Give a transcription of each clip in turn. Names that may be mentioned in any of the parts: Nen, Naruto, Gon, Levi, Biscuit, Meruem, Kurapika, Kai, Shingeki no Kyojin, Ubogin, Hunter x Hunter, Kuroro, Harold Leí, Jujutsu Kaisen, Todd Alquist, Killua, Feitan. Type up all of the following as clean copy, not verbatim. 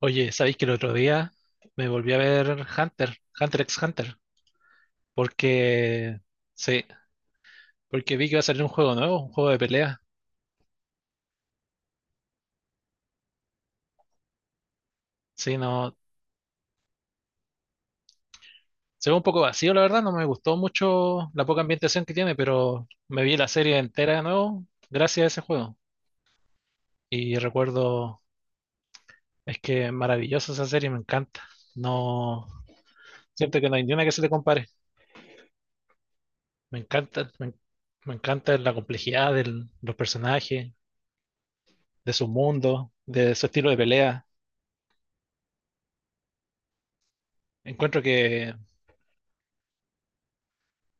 Oye, ¿sabéis que el otro día me volví a ver Hunter x Hunter? Porque, sí, porque vi que iba a salir un juego nuevo, un juego de pelea. Sí, no, se ve un poco vacío, la verdad, no me gustó mucho la poca ambientación que tiene, pero me vi la serie entera de nuevo gracias a ese juego. Y recuerdo, es que es maravillosa esa serie, me encanta. No, siento que no hay ni una que se le compare. Me encanta, me, me encanta la complejidad de los personajes, de su mundo, de su estilo de pelea. Encuentro que,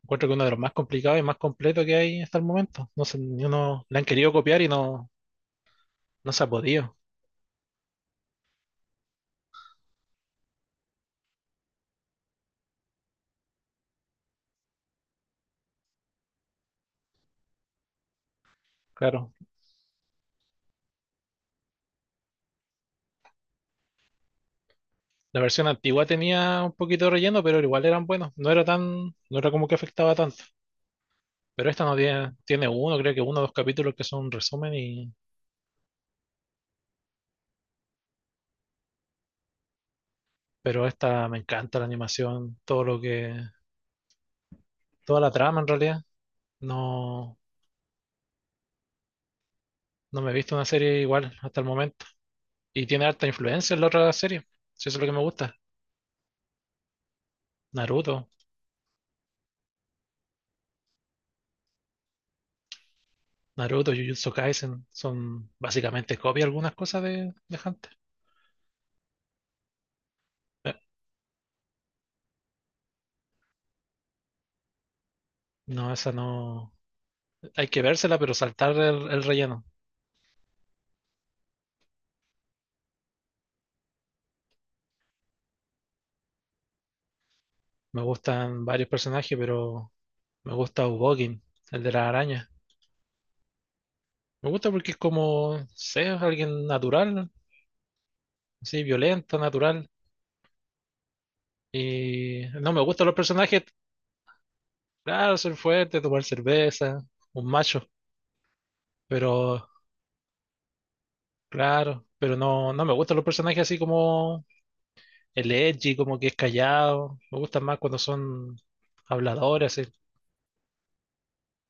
encuentro que uno de los más complicados y más completos que hay hasta el momento. No sé, ni uno le han querido copiar y no, no se ha podido. Claro, la versión antigua tenía un poquito de relleno, pero igual eran buenos. No era como que afectaba tanto. Pero esta no tiene, tiene uno, creo que uno o dos capítulos que son un resumen , pero esta me encanta la animación, toda la trama en realidad. No, no me he visto una serie igual hasta el momento. Y tiene harta influencia en la otra serie. Si eso es lo que me gusta. Naruto, Naruto, Jujutsu Kaisen son básicamente copia algunas cosas de Hunter. Eh, No, esa no. Hay que vérsela, pero saltar el relleno. Me gustan varios personajes, pero me gusta Ubogin, el de la araña. Me gusta porque es como, no sé, es alguien natural, así, violento, natural. Y no me gustan los personajes, claro, ser fuerte, tomar cerveza, un macho, pero claro, pero no, no me gustan los personajes así como el edgy, como que es callado. Me gustan más cuando son habladores, así.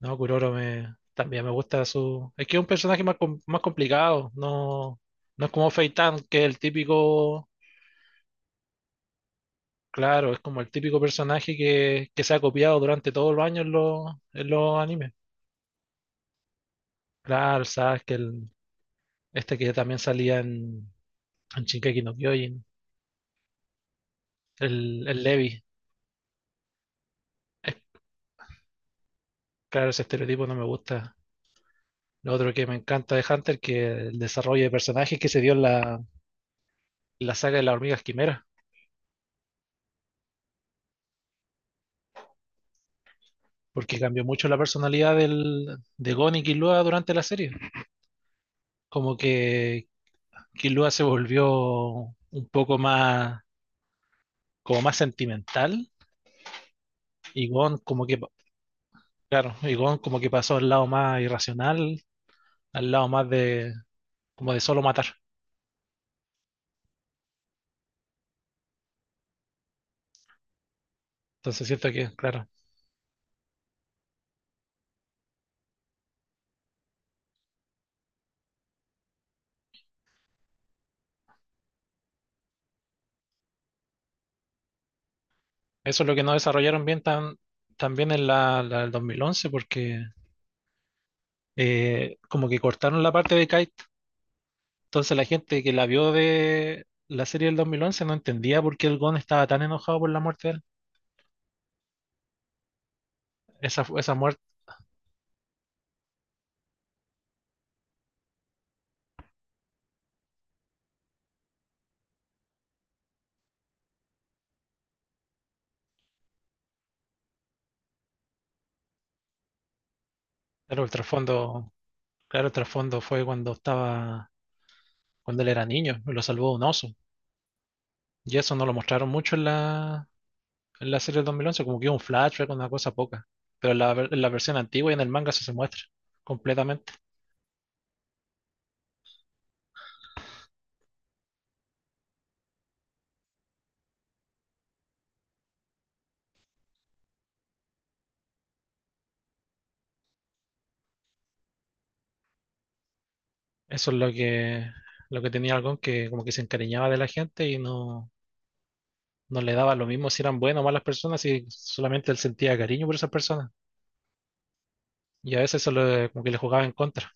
No, Kuroro, también me gusta su... Es que es un personaje más, más complicado, no, no es como Feitan que es el típico... Claro, es como el típico personaje que se ha copiado durante todos los años en en los animes. Claro, sabes que este que también salía en Shingeki no Kyojin, el Levi. Es- claro, ese estereotipo no me gusta. Lo otro que me encanta de Hunter, que el desarrollo de personajes que se dio en la saga de las hormigas quimera, porque cambió mucho la personalidad de Gon y Killua durante la serie. Como que Killua se volvió un poco más, como más sentimental, y Gon como que, claro, y Gon como que pasó al lado más irracional, al lado más de, como de solo matar. Entonces siento que, claro, eso es lo que no desarrollaron bien tan, también en la del 2011, porque como que cortaron la parte de Kai. Entonces la gente que la vio de la serie del 2011 no entendía por qué el Gon estaba tan enojado por la muerte de él. Esa, esa muerte, claro, el trasfondo, claro, el trasfondo fue cuando estaba, cuando él era niño, y lo salvó un oso. Y eso no lo mostraron mucho en en la serie del 2011 como que hubo un flashback, una cosa poca. Pero en en la versión antigua y en el manga eso se muestra completamente. Eso es lo que tenía el Gon, que como que se encariñaba de la gente y no, no le daba lo mismo si eran buenas o malas personas, y solamente él sentía cariño por esas personas. Y a veces eso como que le jugaba en contra.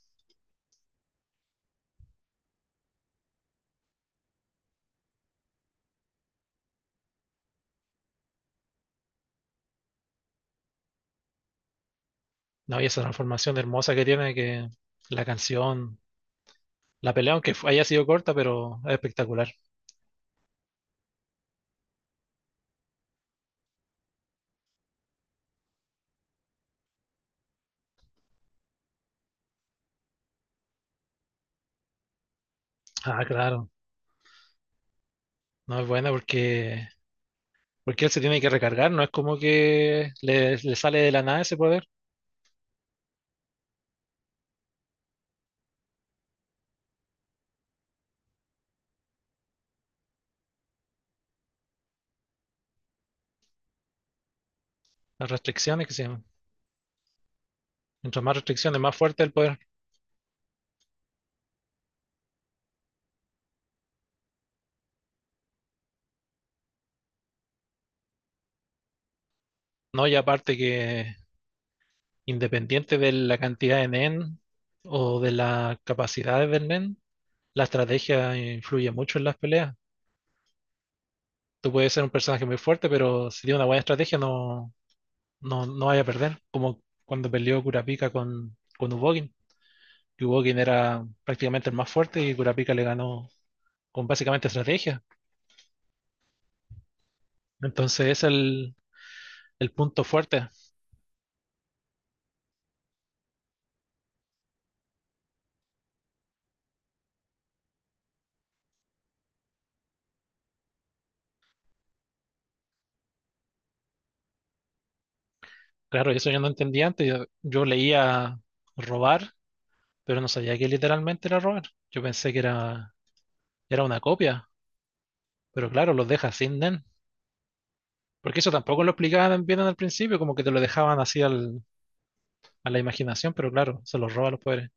No, y esa transformación hermosa que tiene, que la canción, la pelea, aunque haya sido corta, pero es espectacular. Ah, claro. No es buena porque él se tiene que recargar, no es como que le sale de la nada ese poder. Las restricciones que se llaman. Mientras más restricciones, más fuerte el poder. No, y aparte que independiente de la cantidad de nen o de las capacidades del nen, la estrategia influye mucho en las peleas. Tú puedes ser un personaje muy fuerte, pero si tiene una buena estrategia no, no, no vaya a perder, como cuando perdió Kurapika con Ubogin, que Ubogin era prácticamente el más fuerte y Kurapika le ganó con básicamente estrategia. Entonces es el punto fuerte. Claro, eso yo no entendía antes, yo leía robar, pero no sabía que literalmente era robar. Yo pensé que era una copia, pero claro, los deja sin Nen. Porque eso tampoco lo explicaban bien al principio, como que te lo dejaban así a la imaginación, pero claro, se los roba los poderes.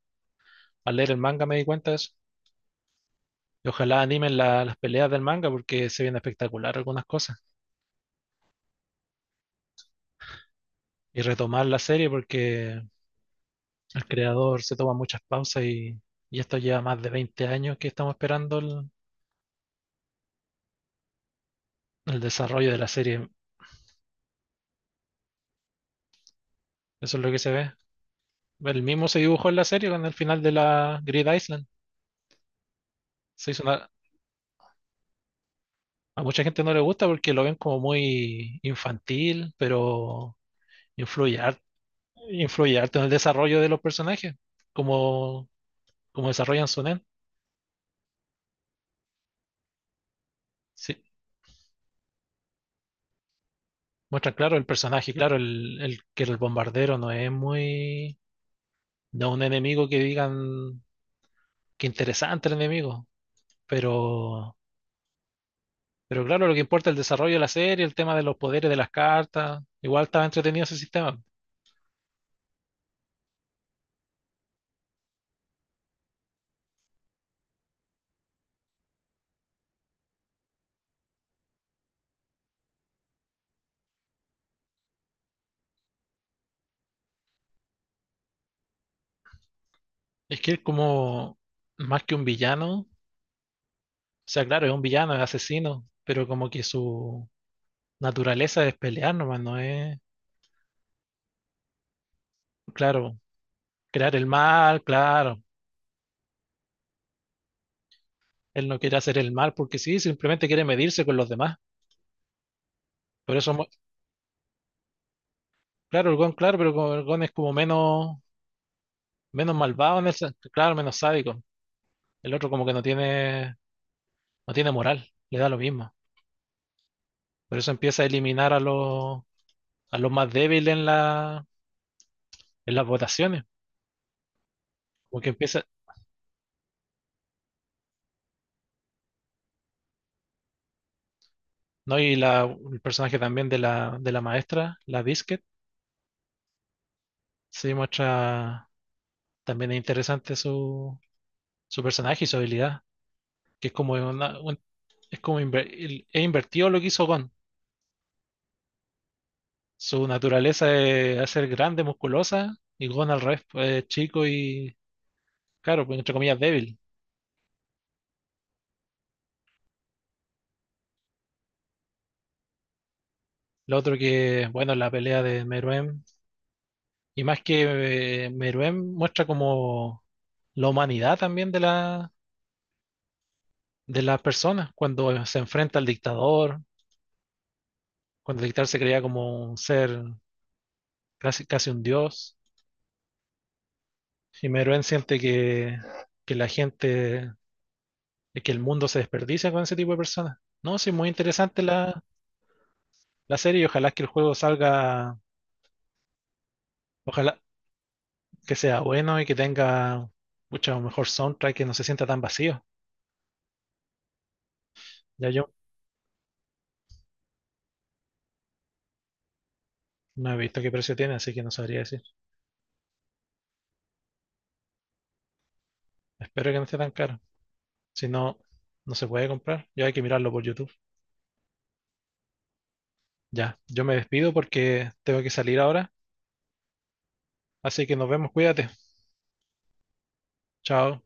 Al leer el manga me di cuenta de eso. Y ojalá animen las peleas del manga porque se viene espectacular algunas cosas. Y retomar la serie porque el creador se toma muchas pausas y esto lleva más de 20 años que estamos esperando el desarrollo de la serie. Eso es lo que se ve. El mismo se dibujó en la serie con el final de la Grid Island. Se hizo una- a mucha gente no le gusta porque lo ven como muy infantil, pero influye, har- influye harto en el desarrollo de los personajes, como, como desarrollan su. Sí, muestran, claro, el personaje, claro, el que el bombardero no es muy, no es un enemigo que digan que interesante el enemigo, pero, pero claro, lo que importa es el desarrollo de la serie, el tema de los poderes de las cartas, igual estaba entretenido ese sistema. Es que es como más que un villano, o sea, claro, es un villano, es asesino, pero como que su naturaleza es pelear nomás, no es, claro, crear el mal, claro, él no quiere hacer el mal porque sí, simplemente quiere medirse con los demás. Por eso claro, el Gon, claro, pero como el Gon es como menos, menos malvado en el claro, menos sádico. El otro como que no tiene, no tiene moral, le da lo mismo. Por eso empieza a eliminar a a los más débiles en en las votaciones. Porque empieza, ¿no? Y la, el personaje también de de la maestra, la Biscuit, se muestra también es interesante su, su personaje y su habilidad, que es como es como es invertido lo que hizo Gon. Su naturaleza es hacer grande, musculosa, y Gon al revés, pues, es chico y, claro, pues, entre comillas, débil. Lo otro que, bueno, la pelea de Meruem, y más que Meruem muestra como la humanidad también de de las personas, cuando se enfrenta al dictador, cuando el dictador se creía como un ser, casi, casi un dios, y Meruem siente que la gente, que el mundo se desperdicia con ese tipo de personas. No, sí, muy interesante la serie y ojalá que el juego salga, ojalá que sea bueno y que tenga mucho mejor soundtrack, que no se sienta tan vacío. Ya yo no he visto qué precio tiene, así que no sabría decir. Espero que no esté tan caro. Si no, no se puede comprar. Ya hay que mirarlo por YouTube. Ya, yo me despido porque tengo que salir ahora. Así que nos vemos, cuídate. Chao.